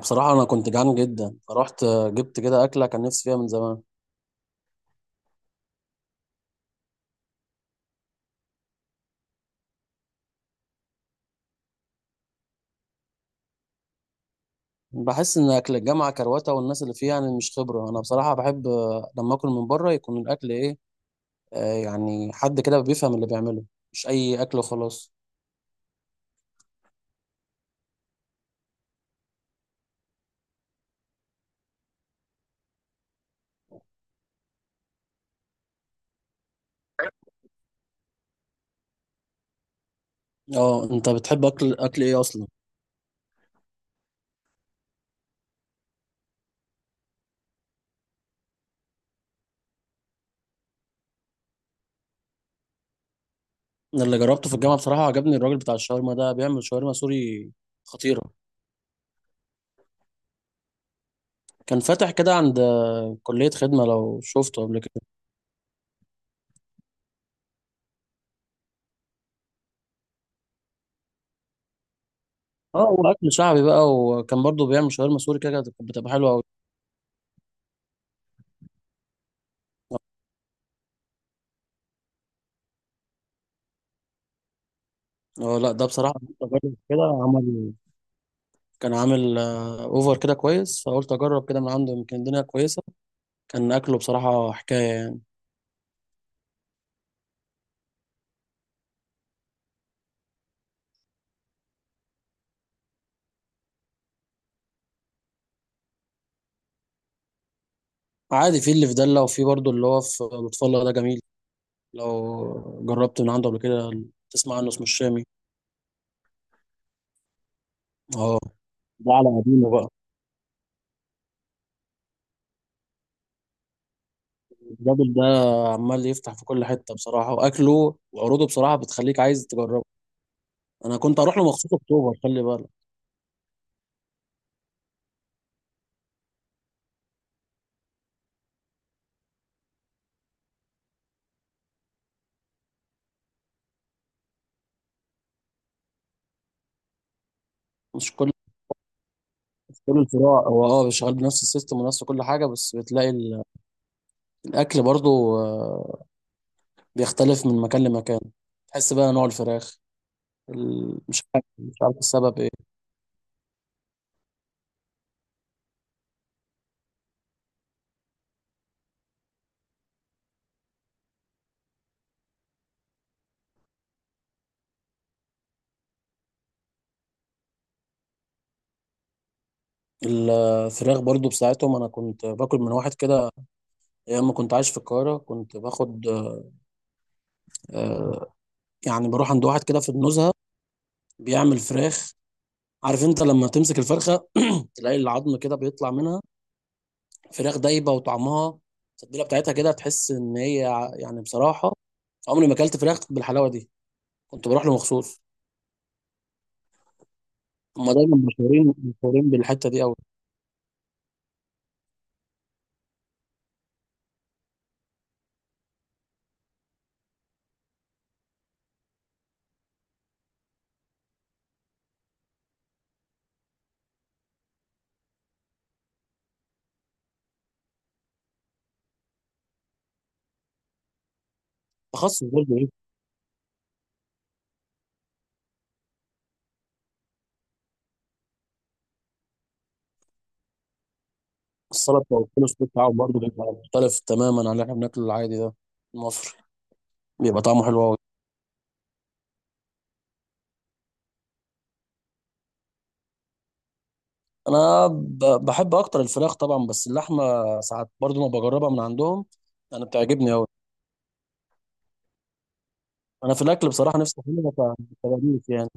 بصراحة أنا كنت جعان جدا، فرحت جبت كده أكلة كان نفسي فيها من زمان. بحس إن أكل الجامعة كروتة والناس اللي فيها يعني مش خبرة. أنا بصراحة بحب لما أكل من بره يكون الأكل إيه، آه يعني حد كده بيفهم اللي بيعمله، مش أي أكل وخلاص. أه، أنت بتحب أكل أكل إيه أصلا؟ أنا اللي جربته في الجامعة بصراحة عجبني الراجل بتاع الشاورما ده، بيعمل شاورما سوري خطيرة. كان فاتح كده عند كلية خدمة، لو شفته قبل كده. اه، هو أكل شعبي بقى، وكان برضه بيعمل شاورما سوري كده كانت بتبقى حلوة أوي. اه لا، ده بصراحة قلت أجرب كده، عمل، كان عامل أوفر كده كويس فقلت أجرب كده من عنده، يمكن الدنيا كويسة. كان أكله بصراحة حكاية يعني. عادي، في اللي في دلة، وفي برضه اللي هو في لطف الله ده جميل، لو جربت من عنده قبل كده. تسمع عنه؟ اسمه الشامي. اه، ده على قديمه بقى. الراجل ده عمال يفتح في كل حتة بصراحة، وأكله وعروضه بصراحة بتخليك عايز تجربه. أنا كنت أروح له مخصوص، أكتوبر خلي بالك. مش كل مش كل الفروع هو اه شغال بنفس السيستم ونفس كل حاجة، بس بتلاقي ال- الأكل برضه، آه، بيختلف من مكان لمكان. تحس بقى نوع الفراخ ال- مش عارف السبب ايه. الفراخ برضو بساعتهم، انا كنت باكل من واحد كده ايام ما كنت عايش في القاهره، كنت باخد، آه، يعني بروح عند واحد كده في النزهه، بيعمل فراخ. عارف انت لما تمسك الفرخه تلاقي العظم كده بيطلع منها؟ فراخ دايبه، وطعمها، التتبيله بتاعتها كده، تحس ان هي ع- يعني بصراحه عمري ما اكلت فراخ بالحلاوه دي. كنت بروح له مخصوص. هم دايما مشهورين بالحته دي قوي. تخصص برضه. السلطة والفول الصوص بتاعهم برضه بيبقى مختلف تماما عن اللي احنا بناكله العادي ده المصري. بيبقى طعمه حلو قوي. انا ب- بحب اكتر الفراخ طبعا، بس اللحمه ساعات برضه ما بجربها من عندهم، انا بتعجبني قوي. انا في الاكل بصراحه نفسي اعملها، فبديك يعني.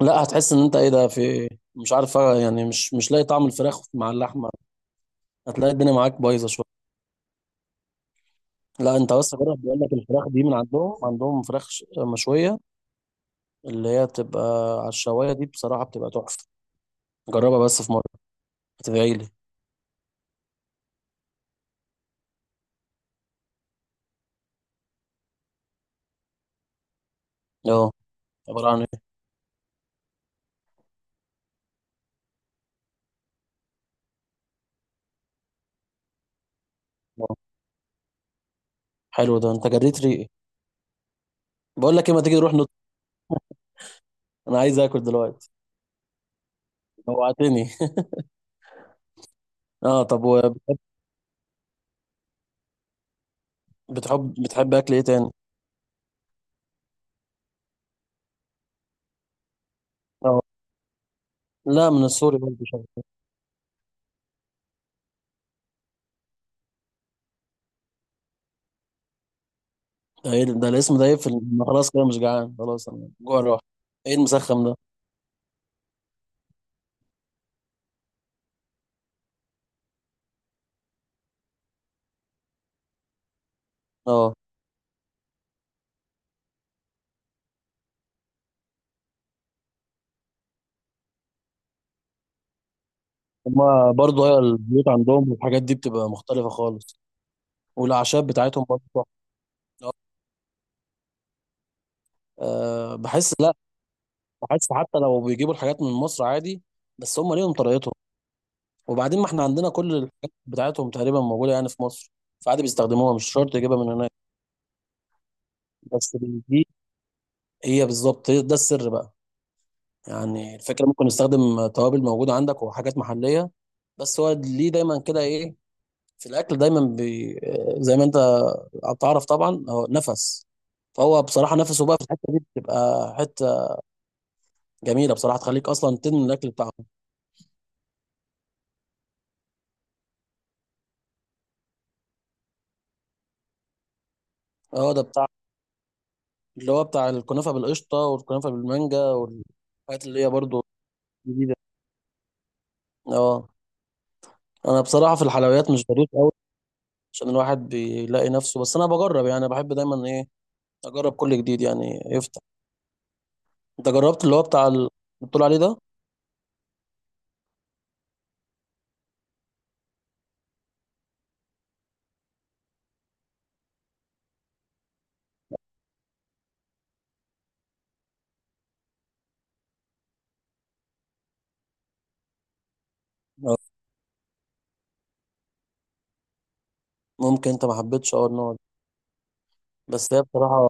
لا، هتحس ان انت ايه ده، في إيه؟ مش عارف يعني، مش لاقي طعم الفراخ مع اللحمه، هتلاقي الدنيا معاك بايظه شويه. لا انت بس جرب، بيقول لك الفراخ دي من عندهم، عندهم فراخ ش- مشويه، اللي هي بتبقى على الشوايه دي بصراحه بتبقى تحفه. جربها بس في مره، هتدعي لي. اه، عباره عن ايه؟ اه، حلو ده، انت جريت ريقي. بقول لك ايه، ما تيجي نروح نط، انا عايز اكل دلوقتي، جوعتني. اه، طب وبتحب، بتحب اكل ايه تاني؟ اه، لا من السوري برضه شوية. ده ايه ده، الاسم ده يقفل، أنا خلاص كده مش جعان، خلاص انا جوع راح. ايه المسخم ده؟ اه، هما برضه هي البيوت عندهم والحاجات دي بتبقى مختلفه خالص. والاعشاب بتاعتهم برضه تحفة. أه، بحس لا، بحس حتى لو بيجيبوا الحاجات من مصر عادي، بس هم ليهم طريقتهم. وبعدين ما احنا عندنا كل الحاجات بتاعتهم تقريبا موجوده يعني في مصر، فعادي بيستخدموها، مش شرط يجيبها من هناك. بس دي، هي بالظبط هي- ده السر بقى. يعني الفكره، ممكن نستخدم توابل موجوده عندك وحاجات محليه، بس هو ليه دايما كده ايه، في الاكل دايما بي، زي ما انت بتعرف طبعا، هو نفس، فهو بصراحه نفسه بقى في الحته دي بتبقى حته جميله بصراحه، تخليك اصلا تدمن الاكل بتاعهم. اه، ده بتاع اللي هو بتاع الكنافه بالقشطه والكنافه بالمانجا والحاجات اللي هي برضو جديده. اه، انا بصراحه في الحلويات مش ظريف قوي عشان الواحد بيلاقي نفسه، بس انا بجرب يعني، بحب دايما ايه، اجرب كل جديد يعني يفتح. انت جربت اللي هو بتاع ال- اللي بتقول عليه ده؟ آه. ممكن انت ما حبيتش اه النوع ده. بس هي بصراحه،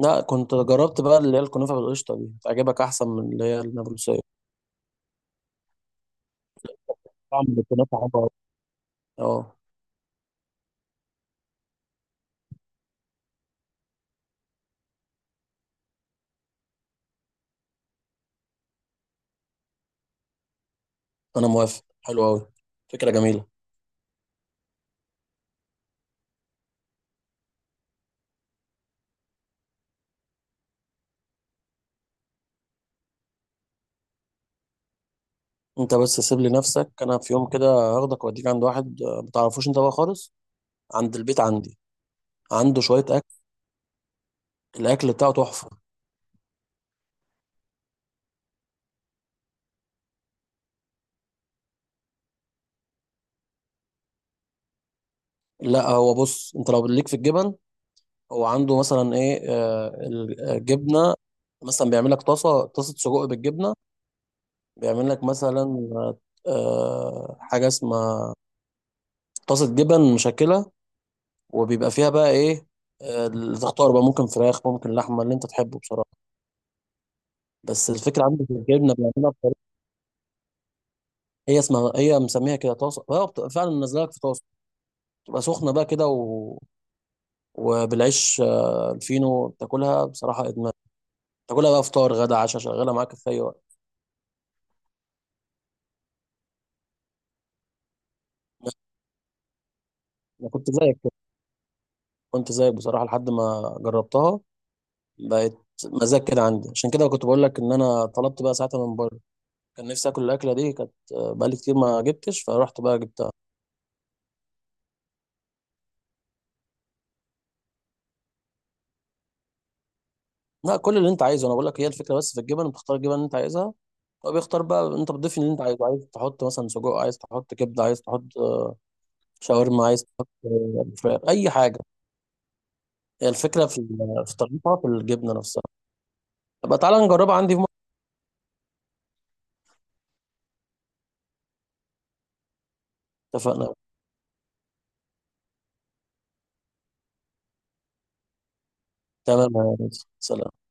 لا كنت جربت بقى اللي هي الكنافه بالقشطه دي، تعجبك احسن من اللي هي النابلسيه. طعم الكنافه حلو قوي. اه، انا موافق، حلو قوي، فكره جميله. انت بس سيب لي نفسك، انا في يوم كده هاخدك واوديك عند واحد، آه، ما تعرفوش انت بقى خالص، عند البيت عندي. عنده شويه اكل، الاكل بتاعه تحفه. لا هو بص، انت لو ليك في الجبن، هو عنده مثلا ايه، آه، الجبنه، مثلا بيعمل لك طاسه، سجق بالجبنه. بيعمل لك مثلا، آه، حاجه اسمها طاسه جبن مشكله، وبيبقى فيها بقى ايه، آه، اللي تختار بقى، ممكن فراخ، ممكن لحمه، اللي انت تحبه بصراحه. بس الفكره عندك في الجبنه بيعملها بطريقه. هي اسمها، هي مسميها كده طاسه، هو بت- فعلا نازله لك في طاسه، تبقى سخنه بقى كده، و... وبالعيش آه، الفينو، تاكلها بصراحه ادمان. تاكلها بقى فطار، غدا، عشاء، شغاله معاك في اي وقت. انا كنت زيك كده، كنت زيك بصراحه لحد ما جربتها، بقت مزاج كده عندي، عشان كده كنت بقول لك ان انا طلبت بقى ساعتها من بره، كان نفسي اكل الاكله دي كانت، آه، بقالي كتير ما جبتش، فرحت بقى جبتها. لا، كل اللي انت عايزه انا بقول لك، هي الفكره بس في الجبن، بتختار الجبن اللي انت عايزها، هو بيختار بقى، انت بتضيف اللي انت عايزه، عايز تحط مثلا سجق، عايز تحط كبده، عايز تحط آه، شاورما، عايز تحط فراخ، اي حاجه. هي الفكره في ال- في طريقتها في الجبنه نفسها. طب تعالى نجربها عندي في مره. اتفقنا. تمام يا ريس. سلام